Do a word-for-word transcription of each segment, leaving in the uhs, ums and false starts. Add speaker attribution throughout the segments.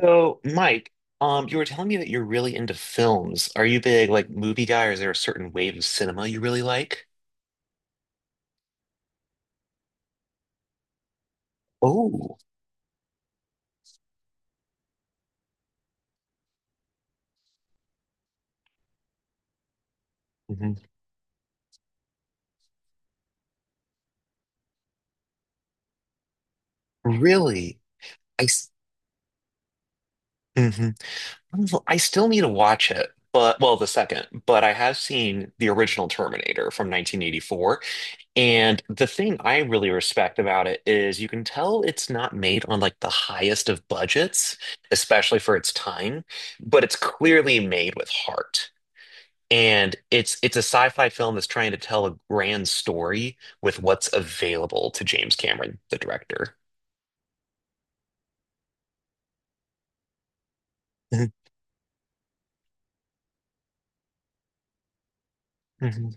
Speaker 1: So, Mike, um, you were telling me that you're really into films. Are you big like movie guy, or is there a certain wave of cinema you really like? Oh, mhm. Really? I s- mhm. Well, I still need to watch it, but well, the second, but I have seen the original Terminator from nineteen eighty-four, and the thing I really respect about it is you can tell it's not made on like the highest of budgets, especially for its time, but it's clearly made with heart. And it's it's a sci-fi film that's trying to tell a grand story with what's available to James Cameron, the director. Mhm, mhm,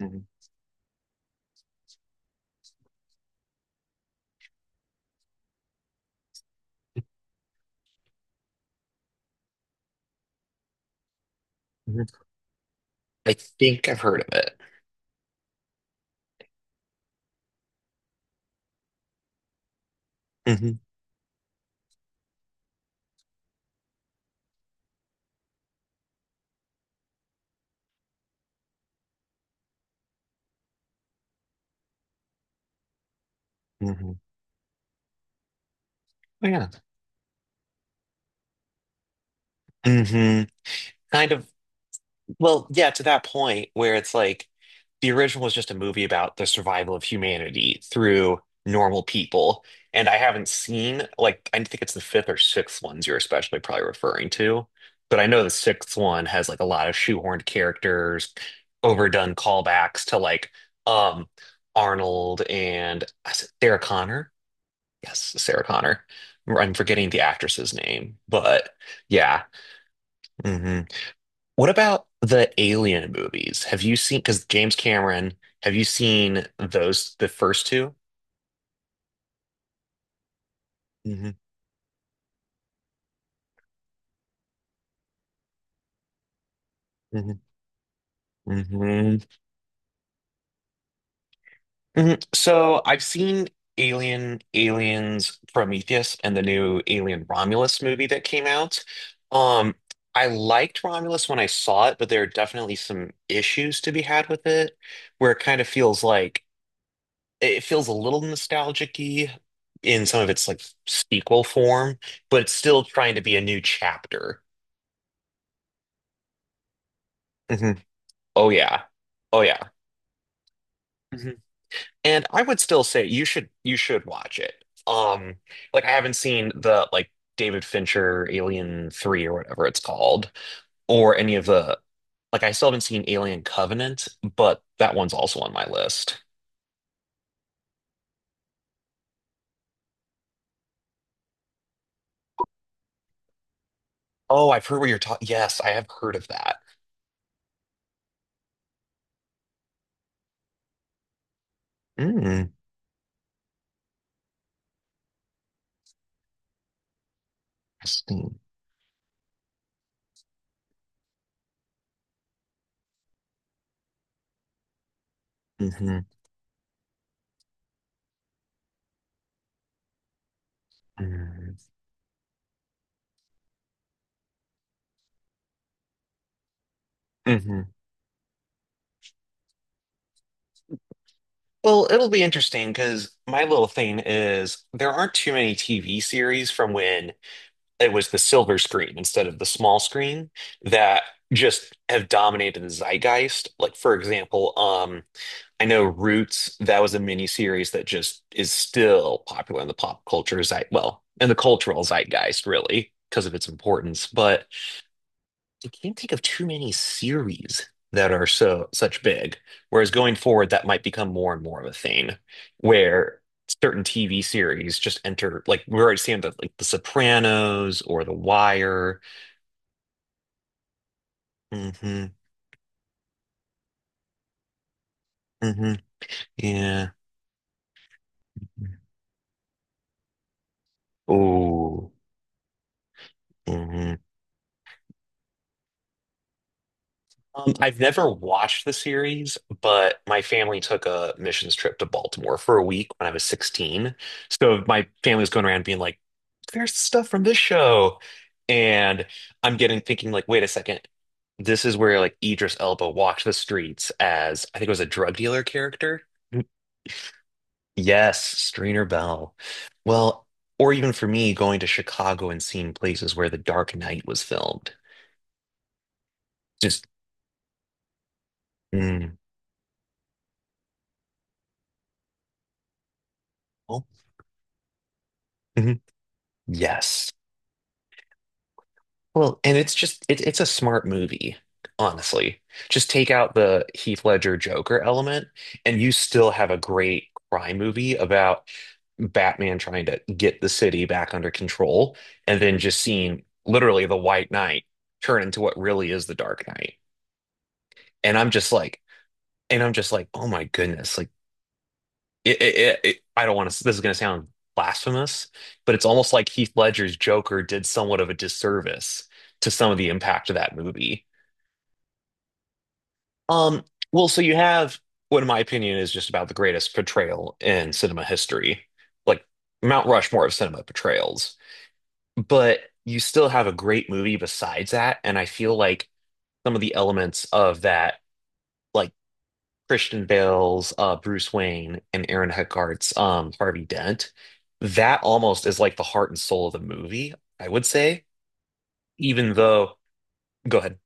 Speaker 1: mhm, mhm. I think I've heard of it. Hmm hmm Oh, yeah. hmm Kind of. Well, yeah, to that point where it's like the original was just a movie about the survival of humanity through normal people. And I haven't seen, like, I think it's the fifth or sixth ones you're especially probably referring to. But I know the sixth one has like a lot of shoehorned characters, overdone callbacks to like um Arnold and is it Sarah Connor. Yes, Sarah Connor. I'm forgetting the actress's name, but yeah. Mm-hmm. What about the Alien movies? Have you seen, because James Cameron, have you seen those, the first two? Hmm hmm mm-hmm. hmm So I've seen Alien, Aliens, Prometheus, and the new Alien Romulus movie that came out. Um, I liked Romulus when I saw it, but there are definitely some issues to be had with it, where it kind of feels like it feels a little nostalgic-y in some of its like sequel form, but it's still trying to be a new chapter. Hmm Oh yeah. Oh yeah. hmm And I would still say you should you should watch it. Um, like I haven't seen the like David Fincher Alien three or whatever it's called, or any of the like I still haven't seen Alien Covenant, but that one's also on my list. Oh, I've heard what you're talking. Yes, I have heard of that. Mm, interesting. Hmm hmm hmm Well, it'll be interesting because my little thing is there aren't too many T V series from when it was the silver screen instead of the small screen that just have dominated the zeitgeist. Like for example, um, I know Roots, that was a mini series that just is still popular in the pop culture zeit, well, in the cultural zeitgeist really because of its importance. But I can't think of too many series that are so such big. Whereas going forward, that might become more and more of a thing, where certain T V series just enter. Like we're already seeing the like like The Sopranos or The Wire. Hmm hmm Yeah. Oh. hmm Um, I've never watched the series, but my family took a missions trip to Baltimore for a week when I was sixteen. So my family was going around being like, there's stuff from this show. And I'm getting thinking like, wait a second. This is where like Idris Elba walked the streets as I think it was a drug dealer character. Mm, yes, Strainer Bell. Well, or even for me, going to Chicago and seeing places where The Dark Knight was filmed. Just, mm, oh, mhm, yes. Well, and it's just it, it's a smart movie, honestly. Just take out the Heath Ledger Joker element, and you still have a great crime movie about Batman trying to get the city back under control, and then just seeing literally the White Knight turn into what really is the Dark Knight. And I'm just like, and I'm just like, oh my goodness, like it, it, it, it- I don't want to. This is going to sound blasphemous, but it's almost like Heath Ledger's Joker did somewhat of a disservice to some of the impact of that movie. Um, well, so you have what, in my opinion, is just about the greatest portrayal in cinema history, like Mount Rushmore of cinema portrayals. But you still have a great movie besides that, and I feel like some of the elements of that, like Christian Bale's, uh, Bruce Wayne, and Aaron Eckhart's, um, Harvey Dent, that almost is like the heart and soul of the movie, I would say. Even though, go ahead.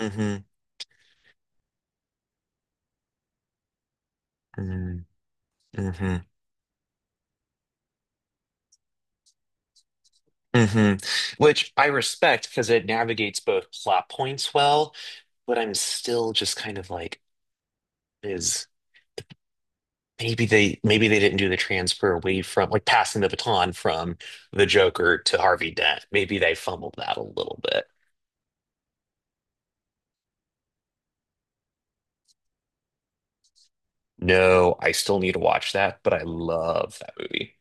Speaker 1: Hmm hmm hmm hmm Which I respect because it navigates both plot points well, but I'm still just kind of like, is maybe they maybe they didn't do the transfer away from like passing the baton from the Joker to Harvey Dent. Maybe they fumbled that a little bit. No, I still need to watch that, but I love that movie.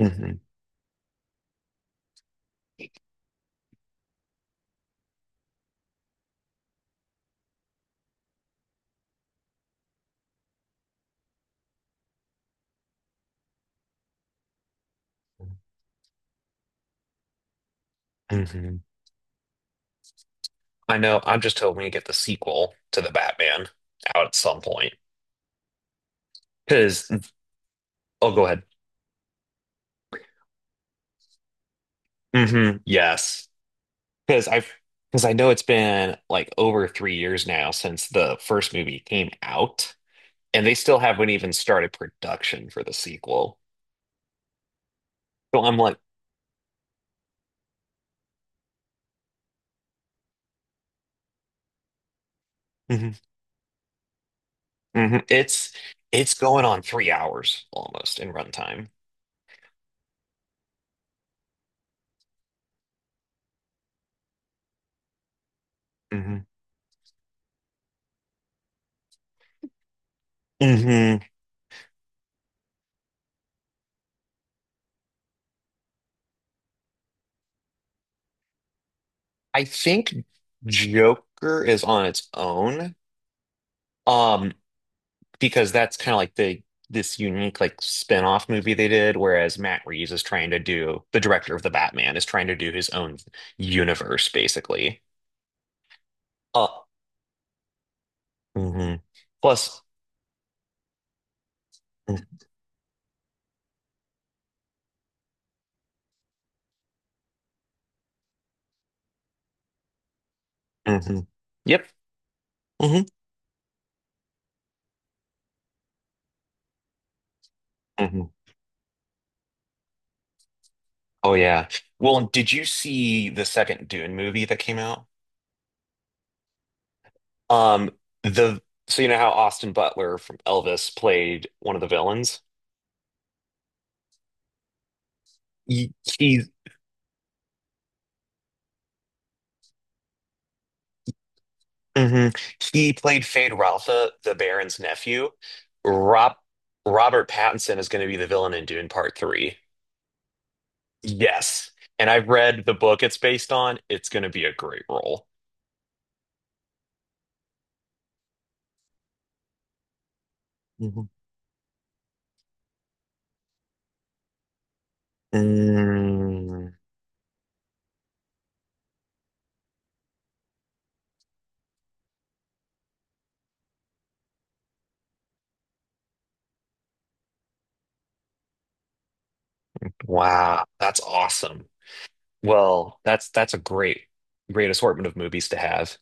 Speaker 1: Hmm hmm I know. I'm just hoping to get the sequel to the Batman out at some point. Because, oh, go ahead. Hmm yes. Because I've, because I know it's been like over three years now since the first movie came out, and they still haven't even started production for the sequel. So I'm like, hmm hmm It's, it's going on three hours almost in runtime. Hmm hmm I think Joker is on its own. Um, because that's kind of like the this unique like spin-off movie they did, whereas Matt Reeves is trying to do the director of the Batman is trying to do his own universe basically. Uh, mhm. Plus, mm-hmm. Yep. hmm hmm Oh yeah. Well, did you see the second Dune movie that came out? Um, the So you know how Austin Butler from Elvis played one of the villains? He, hmm He played Fade Ralpha, the Baron's nephew. Rob Robert Pattinson is going to be the villain in Dune Part Three. Yes, and I've read the book it's based on. It's going to be a great role. Mhm. Mm, wow, that's awesome. Well, that's that's a great, great assortment of movies to have.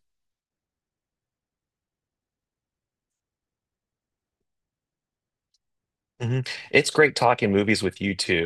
Speaker 1: Hmm It's great talking movies with you too.